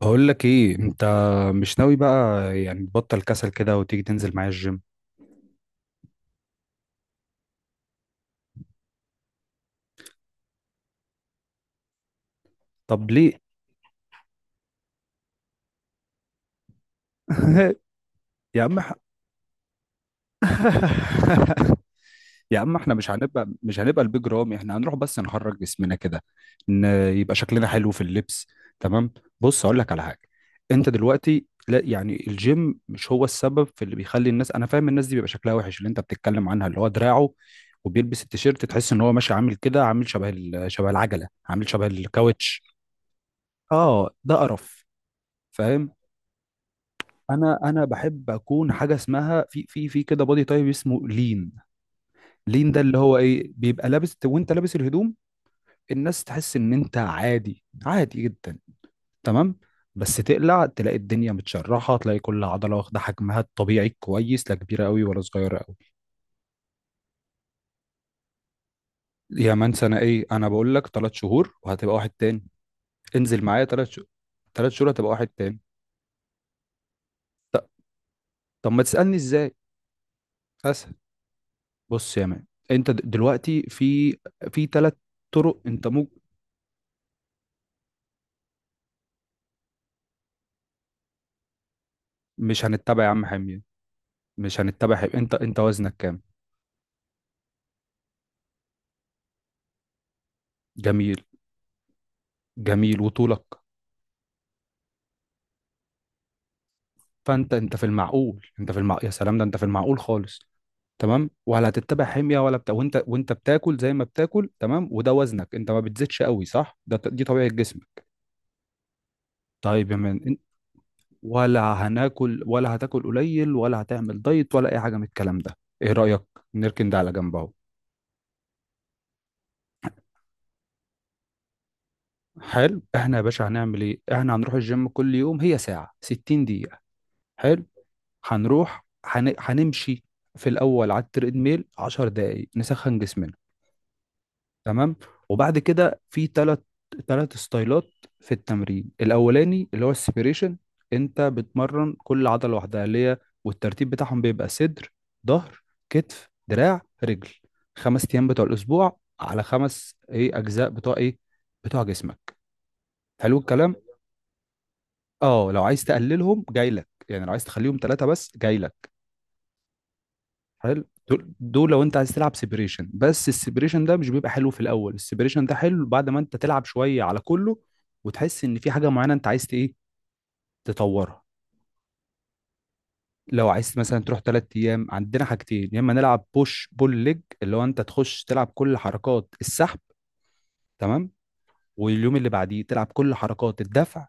بقول لك ايه انت؟ مش ناوي بقى؟ يعني تبطل كسل كده وتيجي تنزل معايا الجيم؟ طب ليه؟ يا عم ح- يا عم، احنا مش هنبقى البيج رامي، احنا هنروح بس نحرك جسمنا كده. ان يبقى شكلنا حلو في اللبس. تمام. بص اقول لك على حاجه. انت دلوقتي، لا يعني الجيم مش هو السبب في اللي بيخلي الناس، انا فاهم الناس دي بيبقى شكلها وحش اللي انت بتتكلم عنها، اللي هو دراعه وبيلبس التيشيرت تحس ان هو ماشي عامل كده، عامل شبه العجله، عامل شبه الكاوتش. اه ده قرف. فاهم. انا بحب اكون حاجه اسمها في كده بودي تايب اسمه لين. لين ده اللي هو ايه، بيبقى لابس وانت لابس الهدوم، الناس تحس ان انت عادي، عادي جدا. تمام. بس تقلع تلاقي الدنيا متشرحه، تلاقي كل عضله واخده حجمها الطبيعي الكويس، لا كبيره قوي ولا صغيره قوي. يا مان، انا ايه، انا بقول لك 3 شهور وهتبقى واحد تاني. انزل معايا 3 شهور، 3 شهور هتبقى واحد تاني. ط- طب ما تسالني ازاي؟ اسهل. بص يا مان، انت دلوقتي في ثلاث طرق. انت مو مش هنتبع يا عم حميد. مش هنتبع حميد. انت وزنك كام؟ جميل. جميل، وطولك؟ فانت في المعقول، انت في المعقول، يا سلام ده انت في المعقول خالص. تمام، ولا هتتبع حمية ولا بتاع، وانت بتاكل زي ما بتاكل، تمام، وده وزنك، انت ما بتزيدش قوي، صح، ده دي طبيعة جسمك. طيب يا مان، ولا هناكل ولا هتاكل قليل ولا هتعمل دايت ولا اي حاجة من الكلام ده، ايه رأيك؟ نركن ده على جنب اهو. حلو. احنا يا باشا هنعمل ايه؟ احنا هنروح الجيم كل يوم، هي ساعة، 60 دقيقة. حلو. هنمشي في الاول على التريدميل 10 دقايق، نسخن جسمنا. تمام. وبعد كده في ثلاث ستايلات. في التمرين الاولاني اللي هو السبيريشن، انت بتمرن كل عضلة لوحدها، اللي هي، والترتيب بتاعهم بيبقى صدر، ظهر، كتف، دراع، رجل. 5 ايام بتوع الاسبوع على خمس ايه، اجزاء بتوع ايه، بتوع جسمك. حلو الكلام. اه، لو عايز تقللهم جاي لك، يعني لو عايز تخليهم ثلاثة بس جاي لك. حلو. دول دول لو انت عايز تلعب سيبريشن، بس السيبريشن ده مش بيبقى حلو في الاول، السيبريشن ده حلو بعد ما انت تلعب شوية على كله وتحس ان في حاجة معينة انت عايز ت- ايه تطورها. لو عايز مثلا تروح 3 ايام، عندنا حاجتين، يا اما نلعب بوش بول ليج اللي هو انت تخش تلعب كل حركات السحب، تمام، واليوم اللي بعديه تلعب كل حركات الدفع،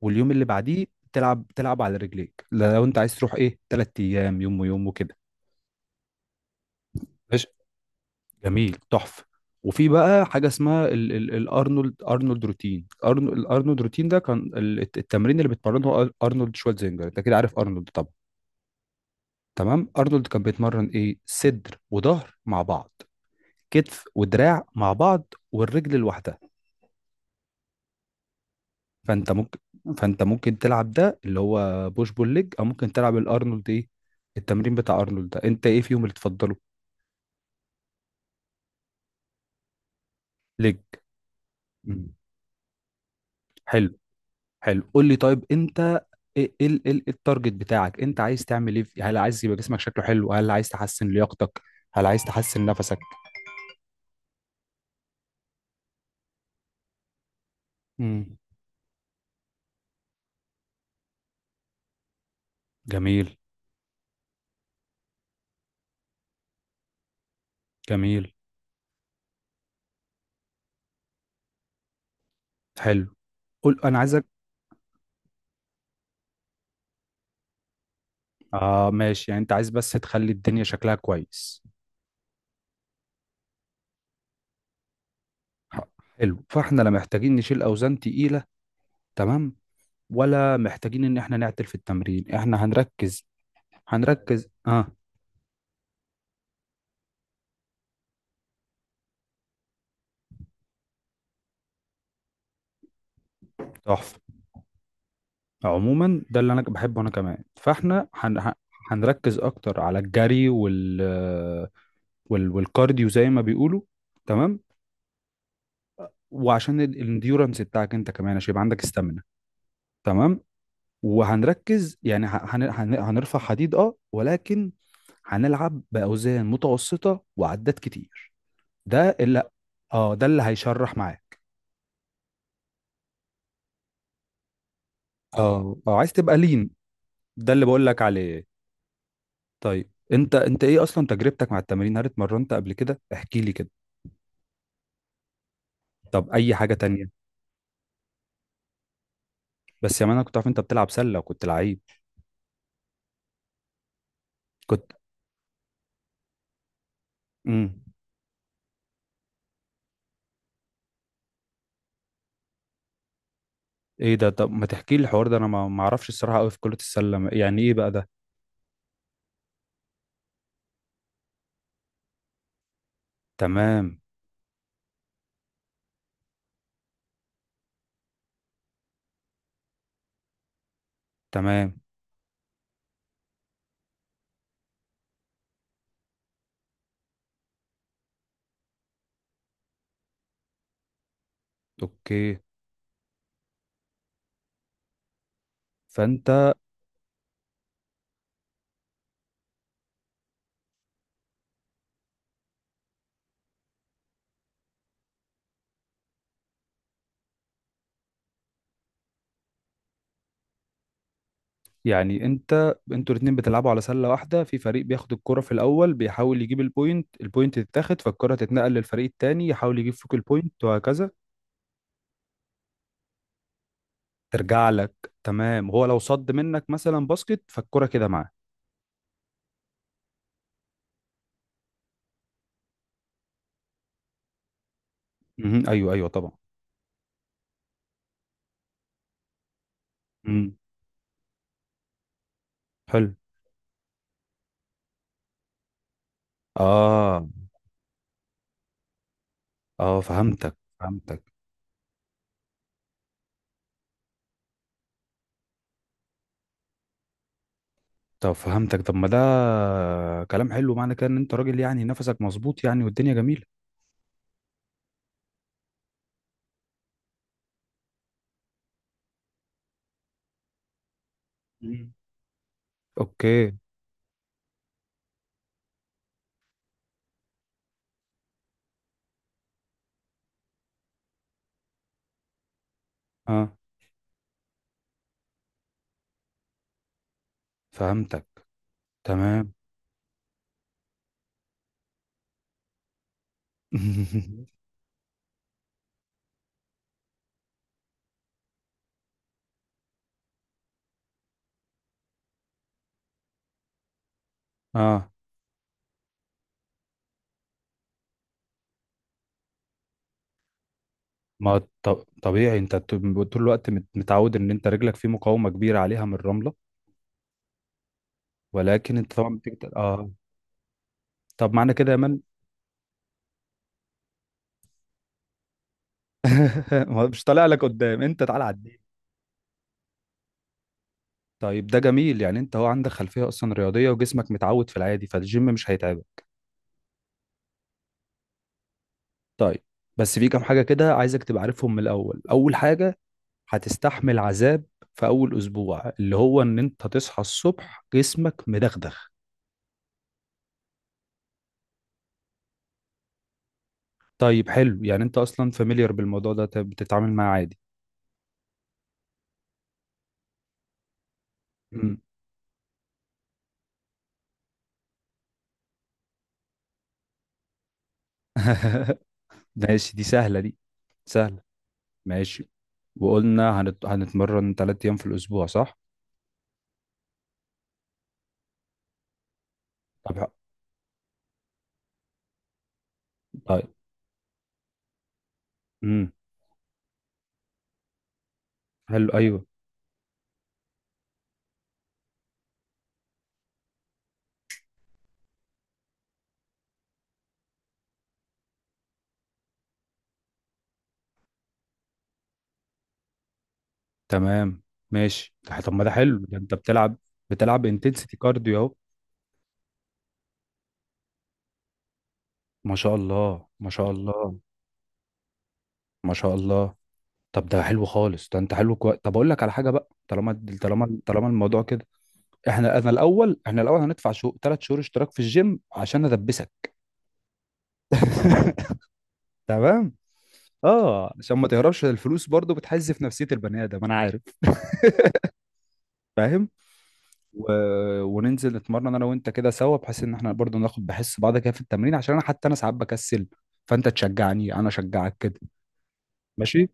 واليوم اللي بعديه تلعب على رجليك، لو انت عايز تروح ايه 3 ايام يوم ويوم وكده. جميل، تحفه. وفي بقى حاجه اسمها الارنولد، ارنولد روتين، الارنولد روتين ده كان التمرين اللي بتمرنه ارنولد شوالزينجر، انت كده عارف ارنولد طبعا. تمام. ارنولد كان بيتمرن ايه، صدر وظهر مع بعض، كتف ودراع مع بعض، والرجل لوحدها. فانت ممكن، فانت ممكن تلعب ده اللي هو بوش بول ليج، او ممكن تلعب الارنولد ايه، التمرين بتاع ارنولد، ده انت ايه فيهم اللي تفضله؟ ليج. مم. حلو. حلو، قول لي، طيب انت، ايه ايه ايه التارجت بتاعك؟ انت عايز تعمل ايه هل عايز يبقى جسمك شكله حلو، هل عايز تحسن لياقتك، هل عايز تحسن نفسك؟ امم. جميل. جميل. حلو، قول انا عايزك. اه ماشي، يعني انت عايز بس تخلي الدنيا شكلها كويس. حلو. فاحنا لا محتاجين نشيل اوزان تقيلة، تمام، ولا محتاجين ان احنا نعتل في التمرين، احنا هنركز، هنركز اه. تحفة. عموما ده اللي انا بحبه انا كمان، فاحنا هنركز اكتر على الجري والكارديو زي ما بيقولوا. تمام. وعشان الانديورنس بتاعك انت كمان، عشان يبقى عندك استامينا. تمام. وهنركز يعني هنرفع حديد اه، ولكن هنلعب باوزان متوسطه وعدات كتير. ده اللي، اه ده اللي هيشرح معاك. اه اه عايز تبقى لين. ده اللي بقول لك عليه. طيب انت ايه اصلا تجربتك مع التمارين، هل اتمرنت قبل كده؟ احكي لي كده. طب اي حاجه تانية؟ بس يا مان انا كنت عارف انت بتلعب سله وكنت لعيب. كنت. امم. ايه ده، طب ما تحكي لي الحوار ده، انا ما اعرفش الصراحه قوي في كره السله، يعني ايه بقى ده؟ تمام. تمام. اوكي. فانت يعني، انت انتوا الاتنين بتلعبوا على سله واحده، في فريق بياخد الكره في الاول بيحاول يجيب البوينت، البوينت تتاخد فالكره تتنقل للفريق التاني يحاول يجيب فوق البوينت وهكذا. ترجع لك؟ تمام، هو لو صد منك مثلا باسكت فالكره كده معاه. مهم. ايوه، ايوه طبعا. مم. حلو. اه، اه فهمتك، فهمتك. طب فهمتك. طب ما ده كلام حلو، معنى كده ان انت راجل يعني نفسك مظبوط يعني والدنيا جميلة. مم. اوكي. اه فهمتك. تمام. اه، ما طبيعي انت طول الوقت متعود ان انت رجلك في مقاومة كبيرة عليها من الرملة، ولكن انت طبعا بتقدر اه. طب معنى كده يا مان. ما مش طالع لك قدام، انت تعالى عدي. طيب ده جميل، يعني انت هو عندك خلفية اصلا رياضية وجسمك متعود في العادي، فالجيم مش هيتعب. طيب. بس في كام حاجة كده عايزك تبقى عارفهم من الأول. أول حاجة هتستحمل عذاب في أول أسبوع، اللي هو إن أنت هتصحى الصبح جسمك مدغدغ. طيب حلو، يعني أنت أصلا فاميليار بالموضوع ده، طب بتتعامل معاه عادي. مم. ماشي، دي سهلة دي، سهلة، ماشي. وقلنا هنتمرن 3 أيام في الأسبوع، صح؟ طب ح- طيب. مم. حلو، أيوه. تمام. ماشي. طب ما ده حلو، ده أنت بتلعب انتنسيتي كارديو أهو. ما شاء الله، ما شاء الله. ما شاء الله. طب ده حلو خالص، ده انت حلو كويس. طب اقول لك على حاجه بقى، طالما طالما الموضوع كده، احنا انا الاول، احنا الاول هندفع شو 3 شهور اشتراك في الجيم عشان ادبسك. تمام. اه عشان ما تهربش، الفلوس برضو بتحز في نفسيه البني ادم، انا عارف. فاهم. و... وننزل نتمرن انا وانت كده سوا، بحيث ان احنا برضو ناخد بحس بعض كده في التمرين، عشان انا حتى انا ساعات بكسل، فانت تشجعني انا اشجعك كده. ماشي.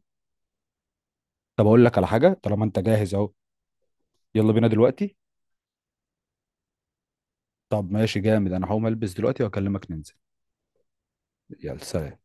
طب اقول لك على حاجه، طالما انت جاهز اهو، يلا بينا دلوقتي. طب ماشي جامد، انا هقوم البس دلوقتي واكلمك ننزل. يلا سلام.